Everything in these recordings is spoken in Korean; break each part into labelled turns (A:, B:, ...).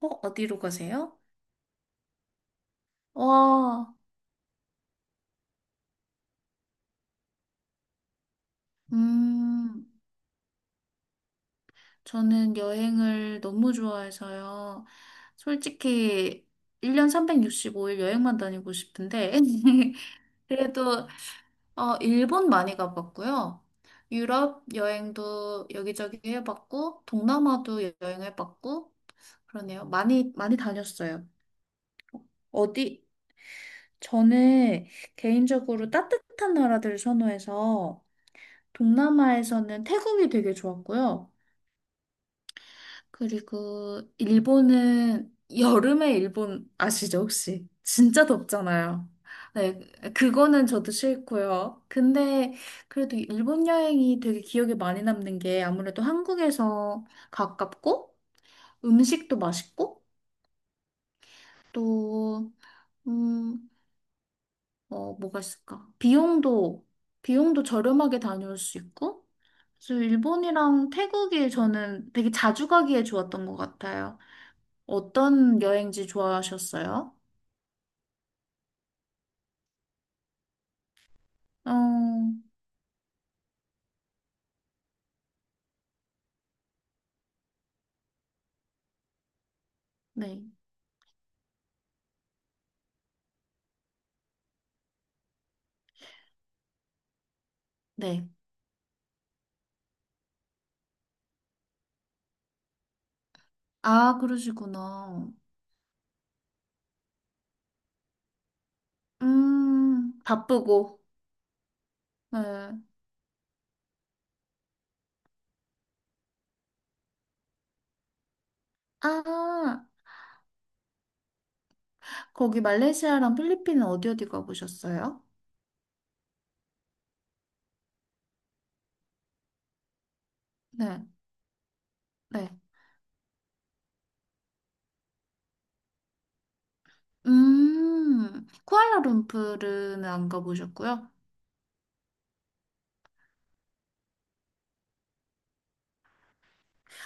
A: 어디로 가세요? 와, 음, 저는 여행을 너무 좋아해서요. 솔직히 1년 365일 여행만 다니고 싶은데, 그래도, 일본 많이 가봤고요. 유럽 여행도 여기저기 해봤고, 동남아도 여행해봤고, 그러네요. 많이, 많이 다녔어요. 어디, 저는 개인적으로 따뜻한 나라들 선호해서, 동남아에서는 태국이 되게 좋았고요. 그리고 일본은 여름에 일본 아시죠, 혹시? 진짜 덥잖아요. 네, 그거는 저도 싫고요. 근데 그래도 일본 여행이 되게 기억에 많이 남는 게 아무래도 한국에서 가깝고 음식도 맛있고 또, 음, 뭐가 있을까? 비용도 저렴하게 다녀올 수 있고 그래서 일본이랑 태국이 저는 되게 자주 가기에 좋았던 것 같아요. 어떤 여행지 좋아하셨어요? 어, 네, 네. 아, 그러시구나. 바쁘고. 네. 아, 거기 말레이시아랑 필리핀은 어디 어디 가보셨어요? 네, 네. 쿠알라룸푸르는 안 가보셨고요?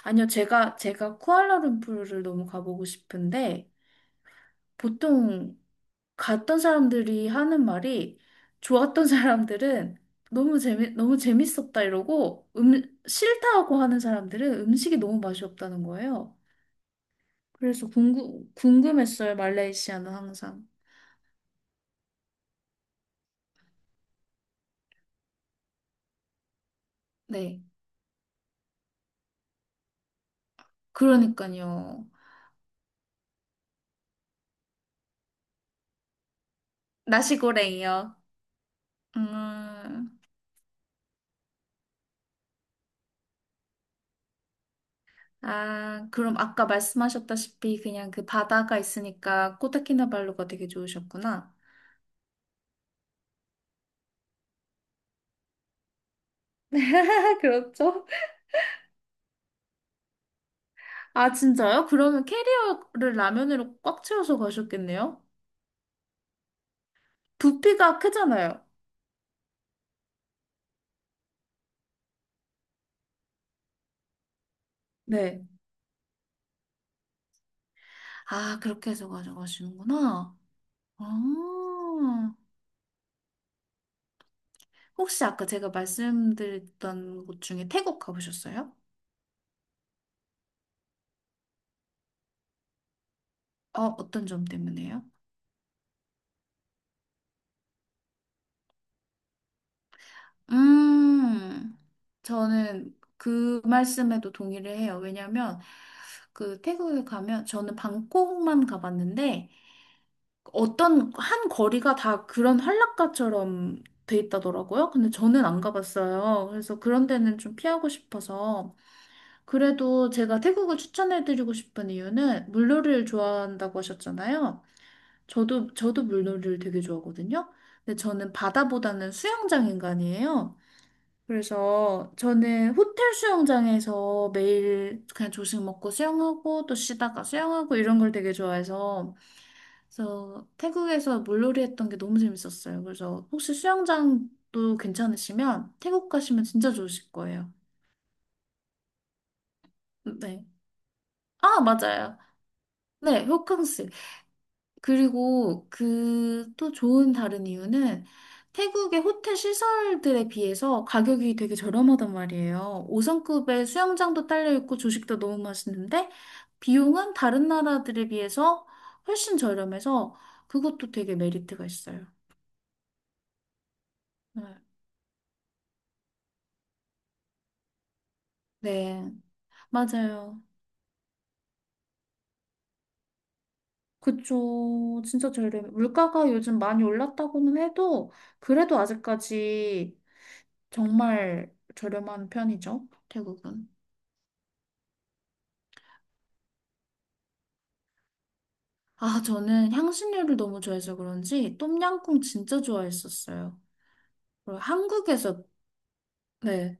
A: 아니요, 제가 쿠알라룸푸르를 너무 가보고 싶은데, 보통 갔던 사람들이 하는 말이 좋았던 사람들은 너무 재밌었다 이러고 싫다고 하는 사람들은 음식이 너무 맛이 없다는 거예요. 그래서 궁금했어요, 말레이시아는 항상. 네. 그러니까요. 나시고랭이요. 음, 아, 그럼 아까 말씀하셨다시피 그냥 그 바다가 있으니까 코타키나발루가 되게 좋으셨구나. 그렇죠? 아, 진짜요? 그러면 캐리어를 라면으로 꽉 채워서 가셨겠네요? 부피가 크잖아요. 네. 아, 그렇게 해서 가져가시는구나. 아, 혹시 아까 제가 말씀드렸던 곳 중에 태국 가보셨어요? 어떤 점 때문에요? 음, 저는 그 말씀에도 동의를 해요. 왜냐면 그 태국에 가면 저는 방콕만 가봤는데 어떤 한 거리가 다 그런 한락가처럼 돼 있다더라고요. 근데 저는 안 가봤어요. 그래서 그런 데는 좀 피하고 싶어서. 그래도 제가 태국을 추천해드리고 싶은 이유는 물놀이를 좋아한다고 하셨잖아요. 저도 물놀이를 되게 좋아하거든요. 근데 저는 바다보다는 수영장 인간이에요. 그래서 저는 호텔 수영장에서 매일 그냥 조식 먹고 수영하고 또 쉬다가 수영하고 이런 걸 되게 좋아해서 그래서 태국에서 물놀이 했던 게 너무 재밌었어요. 그래서 혹시 수영장도 괜찮으시면 태국 가시면 진짜 좋으실 거예요. 네. 아, 맞아요. 네, 호캉스. 그리고 그 또 좋은 다른 이유는 태국의 호텔 시설들에 비해서 가격이 되게 저렴하단 말이에요. 5성급의 수영장도 딸려 있고 조식도 너무 맛있는데 비용은 다른 나라들에 비해서 훨씬 저렴해서 그것도 되게 메리트가 있어요. 네. 네. 맞아요. 그쵸. 진짜 저렴해. 물가가 요즘 많이 올랐다고는 해도, 그래도 아직까지 정말 저렴한 편이죠. 태국은. 아, 저는 향신료를 너무 좋아해서 그런지, 똠양꿍 진짜 좋아했었어요. 그리고 한국에서, 네.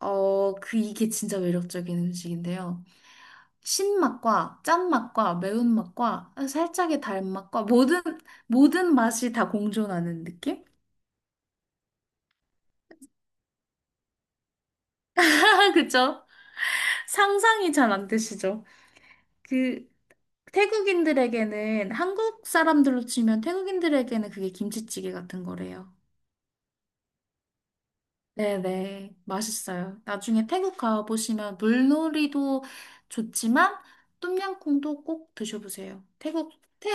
A: 그, 이게 진짜 매력적인 음식인데요. 신맛과 짠맛과 매운맛과 살짝의 달맛과 모든 맛이 다 공존하는 느낌? 그쵸? 상상이 잘 안 되시죠? 그 태국인들에게는 한국 사람들로 치면 태국인들에게는 그게 김치찌개 같은 거래요. 네네, 맛있어요. 나중에 태국 가보시면 물놀이도 좋지만 똠양꿍도 꼭 드셔보세요. 태국, 태,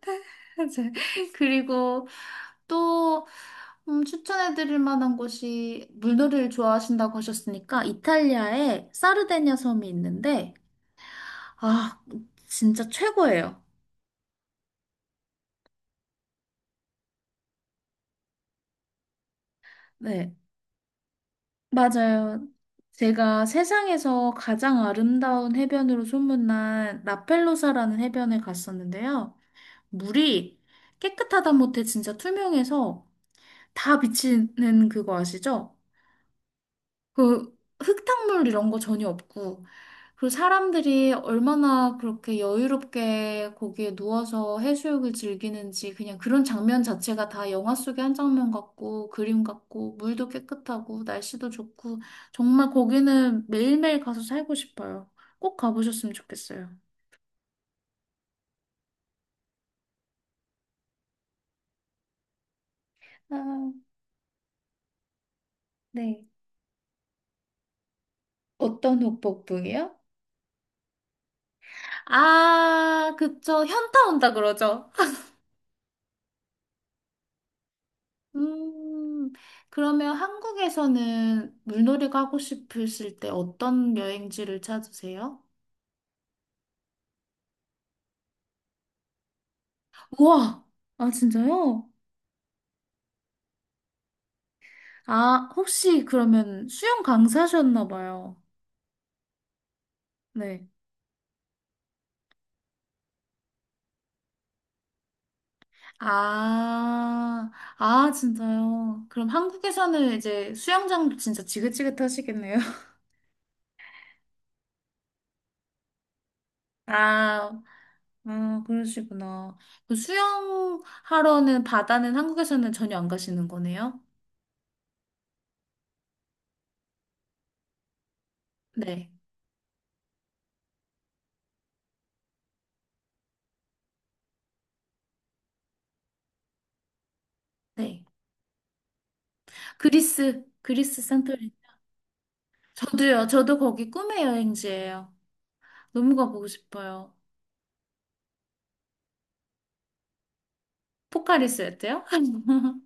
A: 태, 이제. 그리고 또 추천해드릴 만한 곳이 물놀이를 좋아하신다고 하셨으니까 이탈리아에 사르데냐 섬이 있는데 아 진짜 최고예요. 네, 맞아요. 제가 세상에서 가장 아름다운 해변으로 소문난 라펠로사라는 해변에 갔었는데요. 물이 깨끗하다 못해 진짜 투명해서 다 비치는 그거 아시죠? 그 흙탕물 이런 거 전혀 없고, 그리고 사람들이 얼마나 그렇게 여유롭게 거기에 누워서 해수욕을 즐기는지 그냥 그런 장면 자체가 다 영화 속의 한 장면 같고, 그림 같고, 물도 깨끗하고, 날씨도 좋고, 정말 거기는 매일매일 가서 살고 싶어요. 꼭 가보셨으면 좋겠어요. 아, 네. 어떤 북이요 아, 그쵸. 현타 온다 그러죠. 음, 그러면 한국에서는 물놀이 가고 싶으실 때 어떤 여행지를 찾으세요? 우와! 아, 진짜요? 아, 혹시 그러면 수영 강사셨나 봐요. 네. 아, 아, 진짜요? 그럼 한국에서는 이제 수영장도 진짜 지긋지긋하시겠네요. 아, 아, 그러시구나. 그 수영하러는 바다는 한국에서는 전혀 안 가시는 거네요? 네. 네. 그리스, 그리스 산토리니. 저도요, 저도 거기 꿈의 여행지예요. 너무 가보고 싶어요. 포카리스웨트요?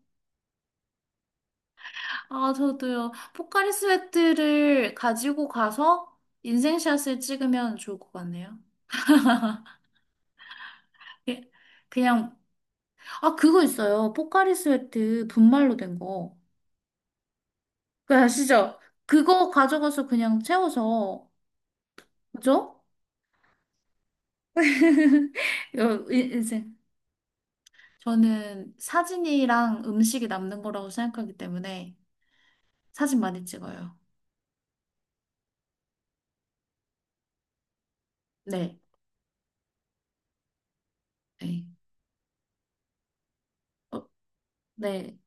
A: 아, 저도요. 포카리스웨트를 가지고 가서 인생샷을 찍으면 좋을 것 같네요. 예, 그냥, 아, 그거 있어요. 포카리스웨트 분말로 된 거. 그 아시죠? 그거 가져가서 그냥 채워서, 그죠? 인생. 저는 사진이랑 음식이 남는 거라고 생각하기 때문에 사진 많이 찍어요. 네. 네. 어, 네.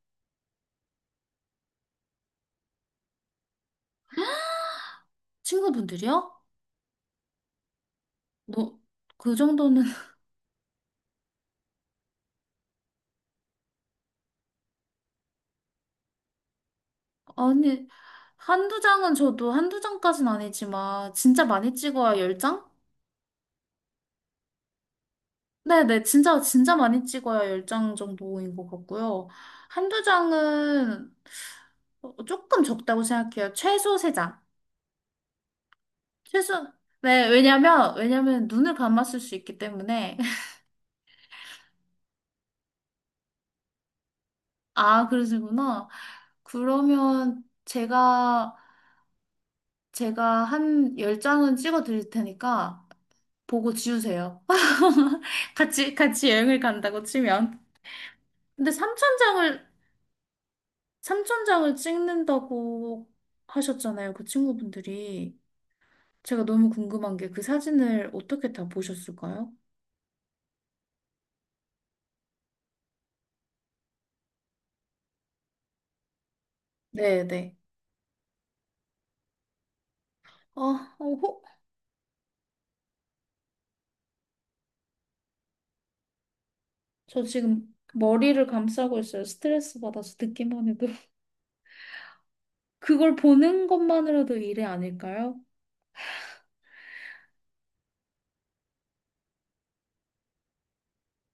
A: 친구분들이요? 너, 그 정도는, 아니, 한두 장은 저도 한두 장까진 아니지만, 진짜 많이 찍어야 10장? 네네, 진짜, 진짜 많이 찍어야 10장 정도인 것 같고요. 한두 장은 조금 적다고 생각해요. 최소 3장. 최소, 네, 왜냐면 눈을 감았을 수 있기 때문에. 아, 그러시구나. 그러면 제가 한 10장은 찍어 드릴 테니까 보고 지우세요. 같이 여행을 간다고 치면. 근데 3천장을 찍는다고 하셨잖아요. 그 친구분들이. 제가 너무 궁금한 게 그 사진을 어떻게 다 보셨을까요? 네네. 아, 어, 호- 저 지금 머리를 감싸고 있어요. 스트레스 받아서 듣기만 해도. 그걸 보는 것만으로도 일이 아닐까요?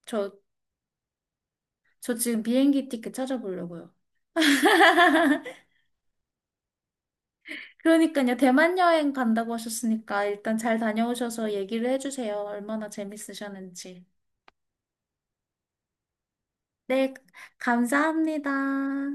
A: 저, 저 지금 비행기 티켓 찾아보려고요. 그러니까요. 대만 여행 간다고 하셨으니까 일단 잘 다녀오셔서 얘기를 해주세요. 얼마나 재밌으셨는지. 네, 감사합니다.